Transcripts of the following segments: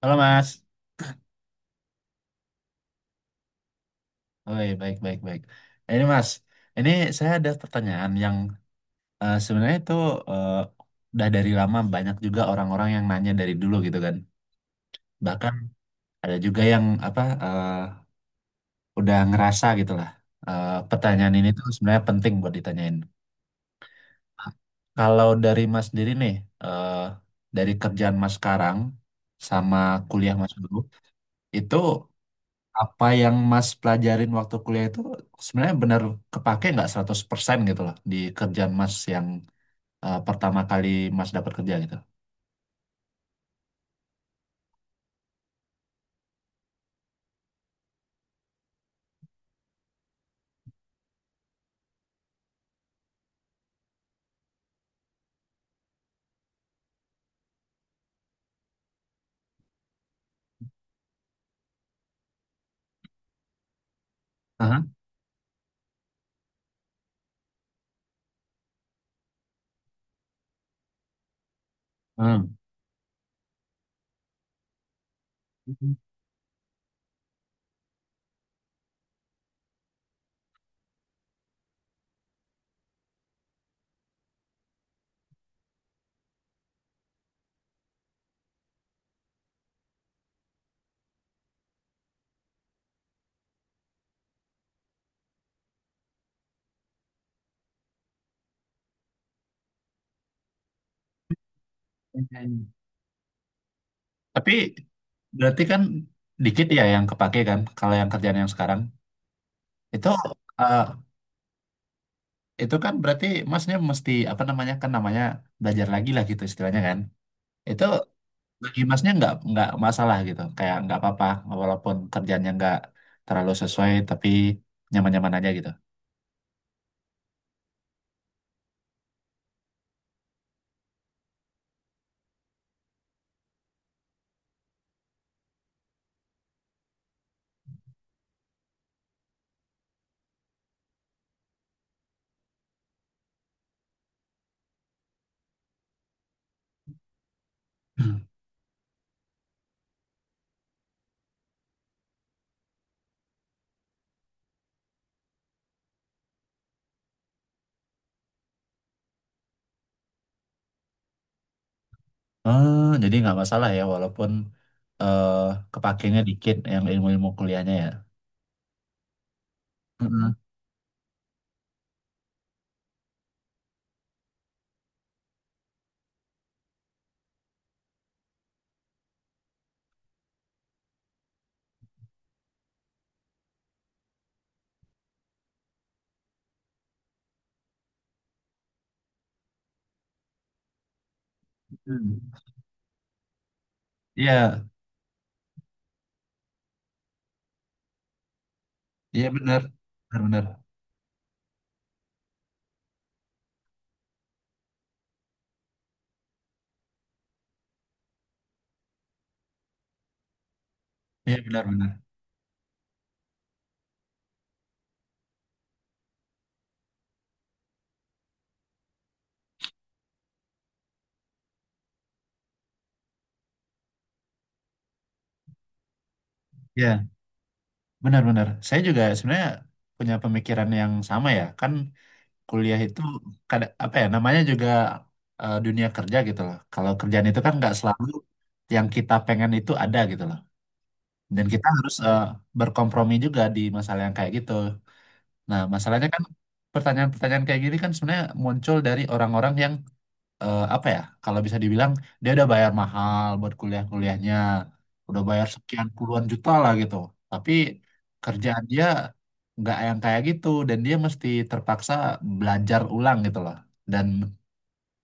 Halo Mas. Oi, baik baik baik. Ini Mas, ini saya ada pertanyaan yang sebenarnya itu eh, udah dari lama banyak juga orang-orang yang nanya dari dulu gitu kan. Bahkan ada juga yang apa udah ngerasa gitu lah. Pertanyaan ini tuh sebenarnya penting buat ditanyain. Kalau dari Mas sendiri nih, eh, dari kerjaan Mas sekarang sama kuliah Mas dulu, itu apa yang Mas pelajarin waktu kuliah itu sebenarnya benar kepake nggak 100% gitu loh di kerjaan Mas yang pertama kali Mas dapat kerja gitu. Aha. Hmm. Tapi berarti kan dikit ya yang kepake kan kalau yang kerjaan yang sekarang itu eh, itu kan berarti masnya mesti apa namanya kan namanya belajar lagi lah gitu istilahnya kan itu bagi masnya nggak masalah gitu kayak nggak apa-apa walaupun kerjanya nggak terlalu sesuai tapi nyaman-nyaman aja gitu. Hmm. Oh jadi nggak masalah ya walaupun eh kepakainya dikit yang ilmu-ilmu kuliahnya ya. Mm-mm. Hmm. Iya, iya benar, benar, benar, iya benar, benar, iya benar, benar. Saya juga sebenarnya punya pemikiran yang sama ya, kan kuliah itu apa ya namanya juga dunia kerja gitu loh. Kalau kerjaan itu kan nggak selalu yang kita pengen itu ada gitu loh. Dan kita harus berkompromi juga di masalah yang kayak gitu. Nah, masalahnya kan pertanyaan-pertanyaan kayak gini kan sebenarnya muncul dari orang-orang yang apa ya kalau bisa dibilang dia udah bayar mahal buat kuliah-kuliahnya udah bayar sekian puluhan juta lah gitu tapi kerjaan dia nggak yang kayak gitu dan dia mesti terpaksa belajar ulang gitu loh dan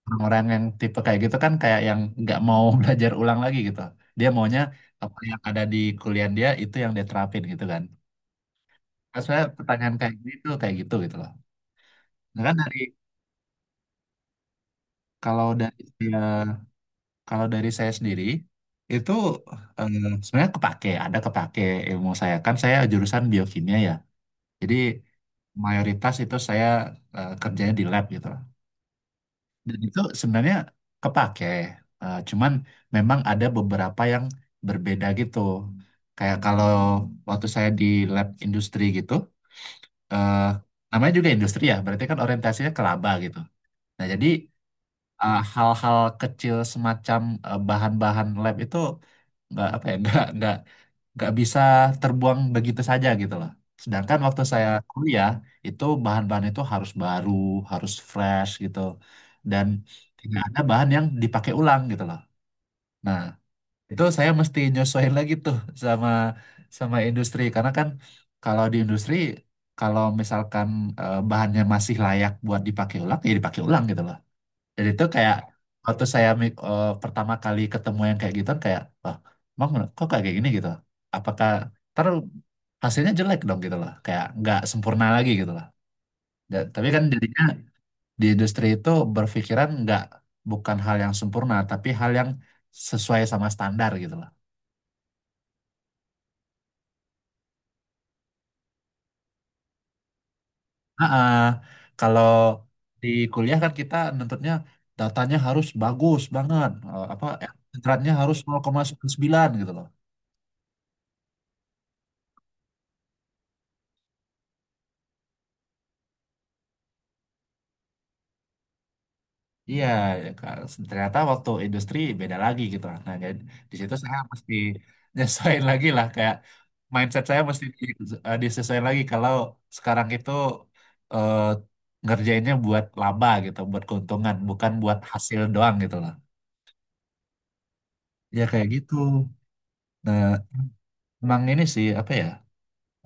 orang-orang yang tipe kayak gitu kan kayak yang nggak mau belajar ulang lagi gitu dia maunya apa yang ada di kuliah dia itu yang dia terapin gitu kan. Nah, sebenarnya pertanyaan kayak gitu gitu loh. Nah, kan dari kalau dari kalau dari saya sendiri itu eh, sebenarnya kepake, ada kepake ilmu saya kan saya jurusan biokimia ya. Jadi mayoritas itu saya kerjanya di lab gitu. Dan itu sebenarnya kepake. Cuman memang ada beberapa yang berbeda gitu. Kayak kalau waktu saya di lab industri gitu, eh, namanya juga industri ya, berarti kan orientasinya ke laba gitu. Nah, jadi hal-hal kecil semacam bahan-bahan lab itu nggak apa ya nggak bisa terbuang begitu saja gitu loh. Sedangkan waktu saya kuliah itu bahan-bahan itu harus baru, harus fresh gitu, dan tidak ada bahan yang dipakai ulang gitu loh. Nah, itu saya mesti nyesuaiin lagi tuh sama sama industri karena kan kalau di industri kalau misalkan bahannya masih layak buat dipakai ulang ya dipakai ulang gitu loh. Dan itu kayak waktu saya pertama kali ketemu yang kayak gitu kayak, wah, emang kok kayak gini gitu? Apakah ntar hasilnya jelek dong gitu loh, kayak nggak sempurna lagi gitu loh. Tapi kan jadinya di industri itu berpikiran nggak bukan hal yang sempurna, tapi hal yang sesuai sama standar gitu loh. Ah, ah. Kalau di kuliah kan kita nuntutnya datanya harus bagus banget, apa internetnya harus 0,9 gitu loh. Iya, kar- ternyata waktu industri beda lagi gitu lah. Nah, jadi di situ saya mesti nyesuaiin lagi lah kayak mindset saya mesti disesuaiin lagi kalau sekarang itu eh, ngerjainnya buat laba gitu, buat keuntungan, bukan buat hasil doang gitu lah. Ya kayak gitu. Nah, emang ini sih apa ya?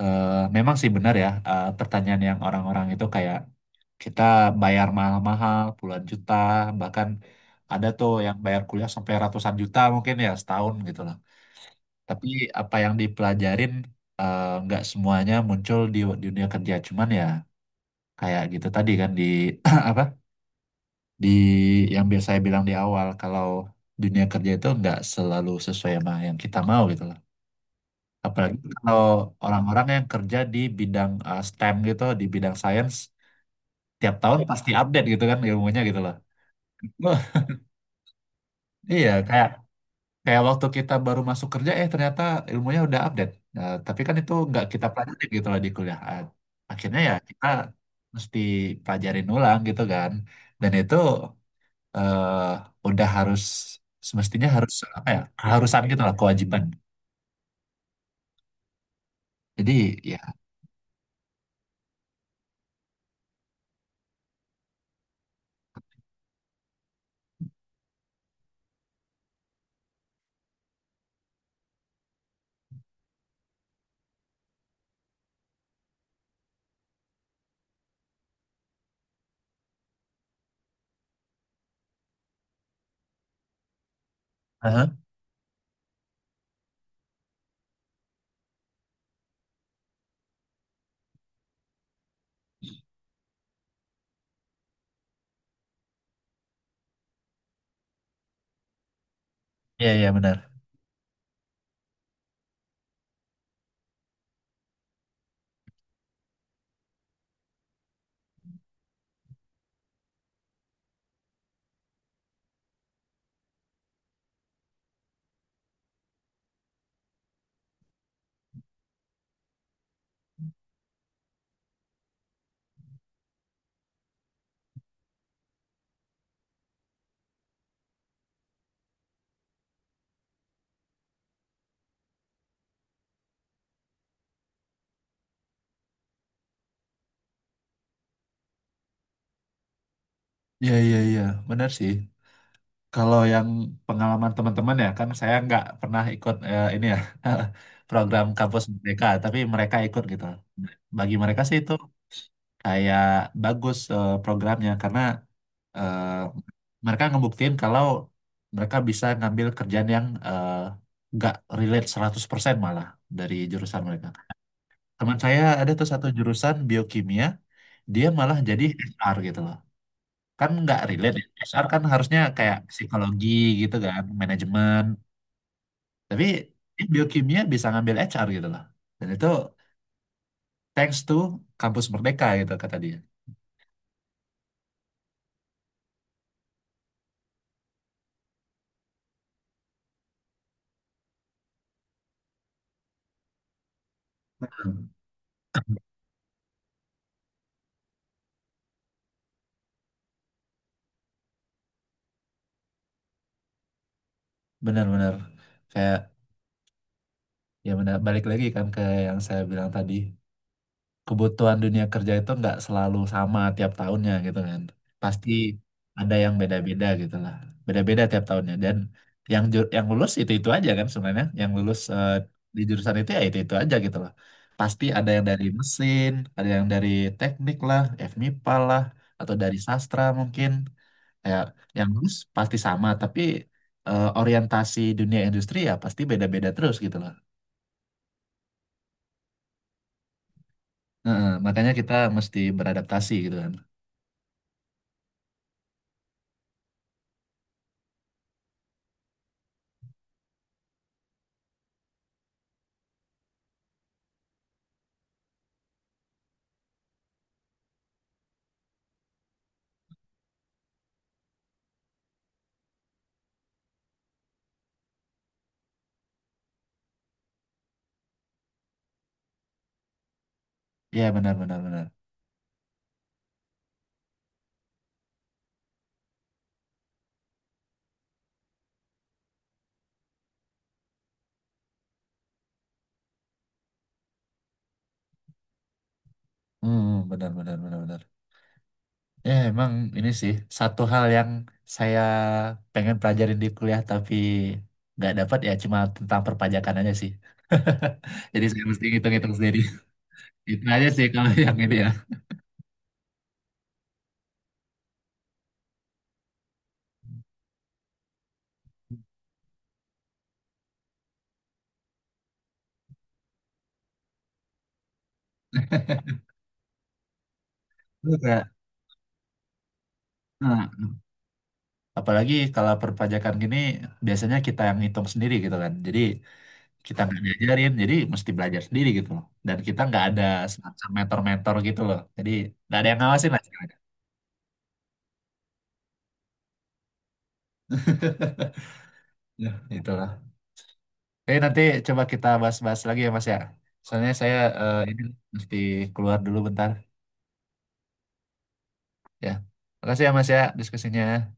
eh, Memang sih benar ya pertanyaan yang orang-orang itu kayak kita bayar mahal-mahal puluhan juta bahkan ada tuh yang bayar kuliah sampai ratusan juta mungkin ya setahun gitu loh tapi apa yang dipelajarin nggak semuanya muncul di dunia kerja cuman ya kayak gitu tadi kan di apa di yang biasa saya bilang di awal kalau dunia kerja itu nggak selalu sesuai sama yang kita mau gitu loh apalagi kalau orang-orang yang kerja di bidang STEM gitu di bidang sains tiap tahun pasti update gitu kan ilmunya gitu loh. Iya, kayak kayak waktu kita baru masuk kerja, ternyata ilmunya udah update. Nah, tapi kan itu nggak kita pelajari gitu lah di kuliah. Ah, akhirnya ya kita mesti pelajarin ulang gitu kan. Dan itu udah harus semestinya harus apa ya? Keharusan gitu lah, kewajiban. Jadi ya. Aha. Iya iya benar. Iya iya iya benar sih. Kalau yang pengalaman teman-teman ya kan saya nggak pernah ikut ini ya program kampus mereka, tapi mereka ikut gitu. Bagi mereka sih itu kayak bagus programnya karena eh, mereka ngebuktiin kalau mereka bisa ngambil kerjaan yang nggak relate 100% malah dari jurusan mereka. Teman saya ada tuh satu jurusan biokimia, dia malah jadi HR gitu loh. Kan nggak relate ya. HR kan harusnya kayak psikologi gitu kan, manajemen. Tapi dia biokimia bisa ngambil HR gitu loh. Dan itu thanks to kampus Merdeka gitu kata dia. Benar-benar kayak ya benar balik lagi kan ke yang saya bilang tadi kebutuhan dunia kerja itu nggak selalu sama tiap tahunnya gitu kan pasti ada yang beda-beda gitu lah beda-beda tiap tahunnya dan yang yang lulus itu aja kan sebenarnya yang lulus di jurusan itu ya itu aja gitu loh pasti ada yang dari mesin ada yang dari teknik lah FMIPA lah atau dari sastra mungkin ya yang bagus pasti sama tapi orientasi dunia industri ya pasti beda-beda terus gitu loh. Heeh, makanya kita mesti beradaptasi gitu kan. Ya benar benar benar. Hmm, benar benar benar benar ya emang ini sih satu hal yang saya pengen pelajarin di kuliah tapi nggak dapat ya cuma tentang perpajakan aja sih. Jadi saya mesti ngitung-ngitung sendiri. Itu aja sih kalau yang ini ya. Betul, Kak. Apalagi kalau perpajakan gini biasanya kita yang ngitung sendiri gitu kan. Jadi kita nggak diajarin, jadi mesti belajar sendiri gitu loh. Dan kita nggak ada semacam mentor-mentor gitu loh. Jadi nggak ada yang ngawasin lah, istilahnya. Ya, itulah. Jadi nanti coba kita bahas-bahas lagi ya Mas ya. Soalnya saya ini mesti keluar dulu bentar ya. Makasih ya Mas ya diskusinya.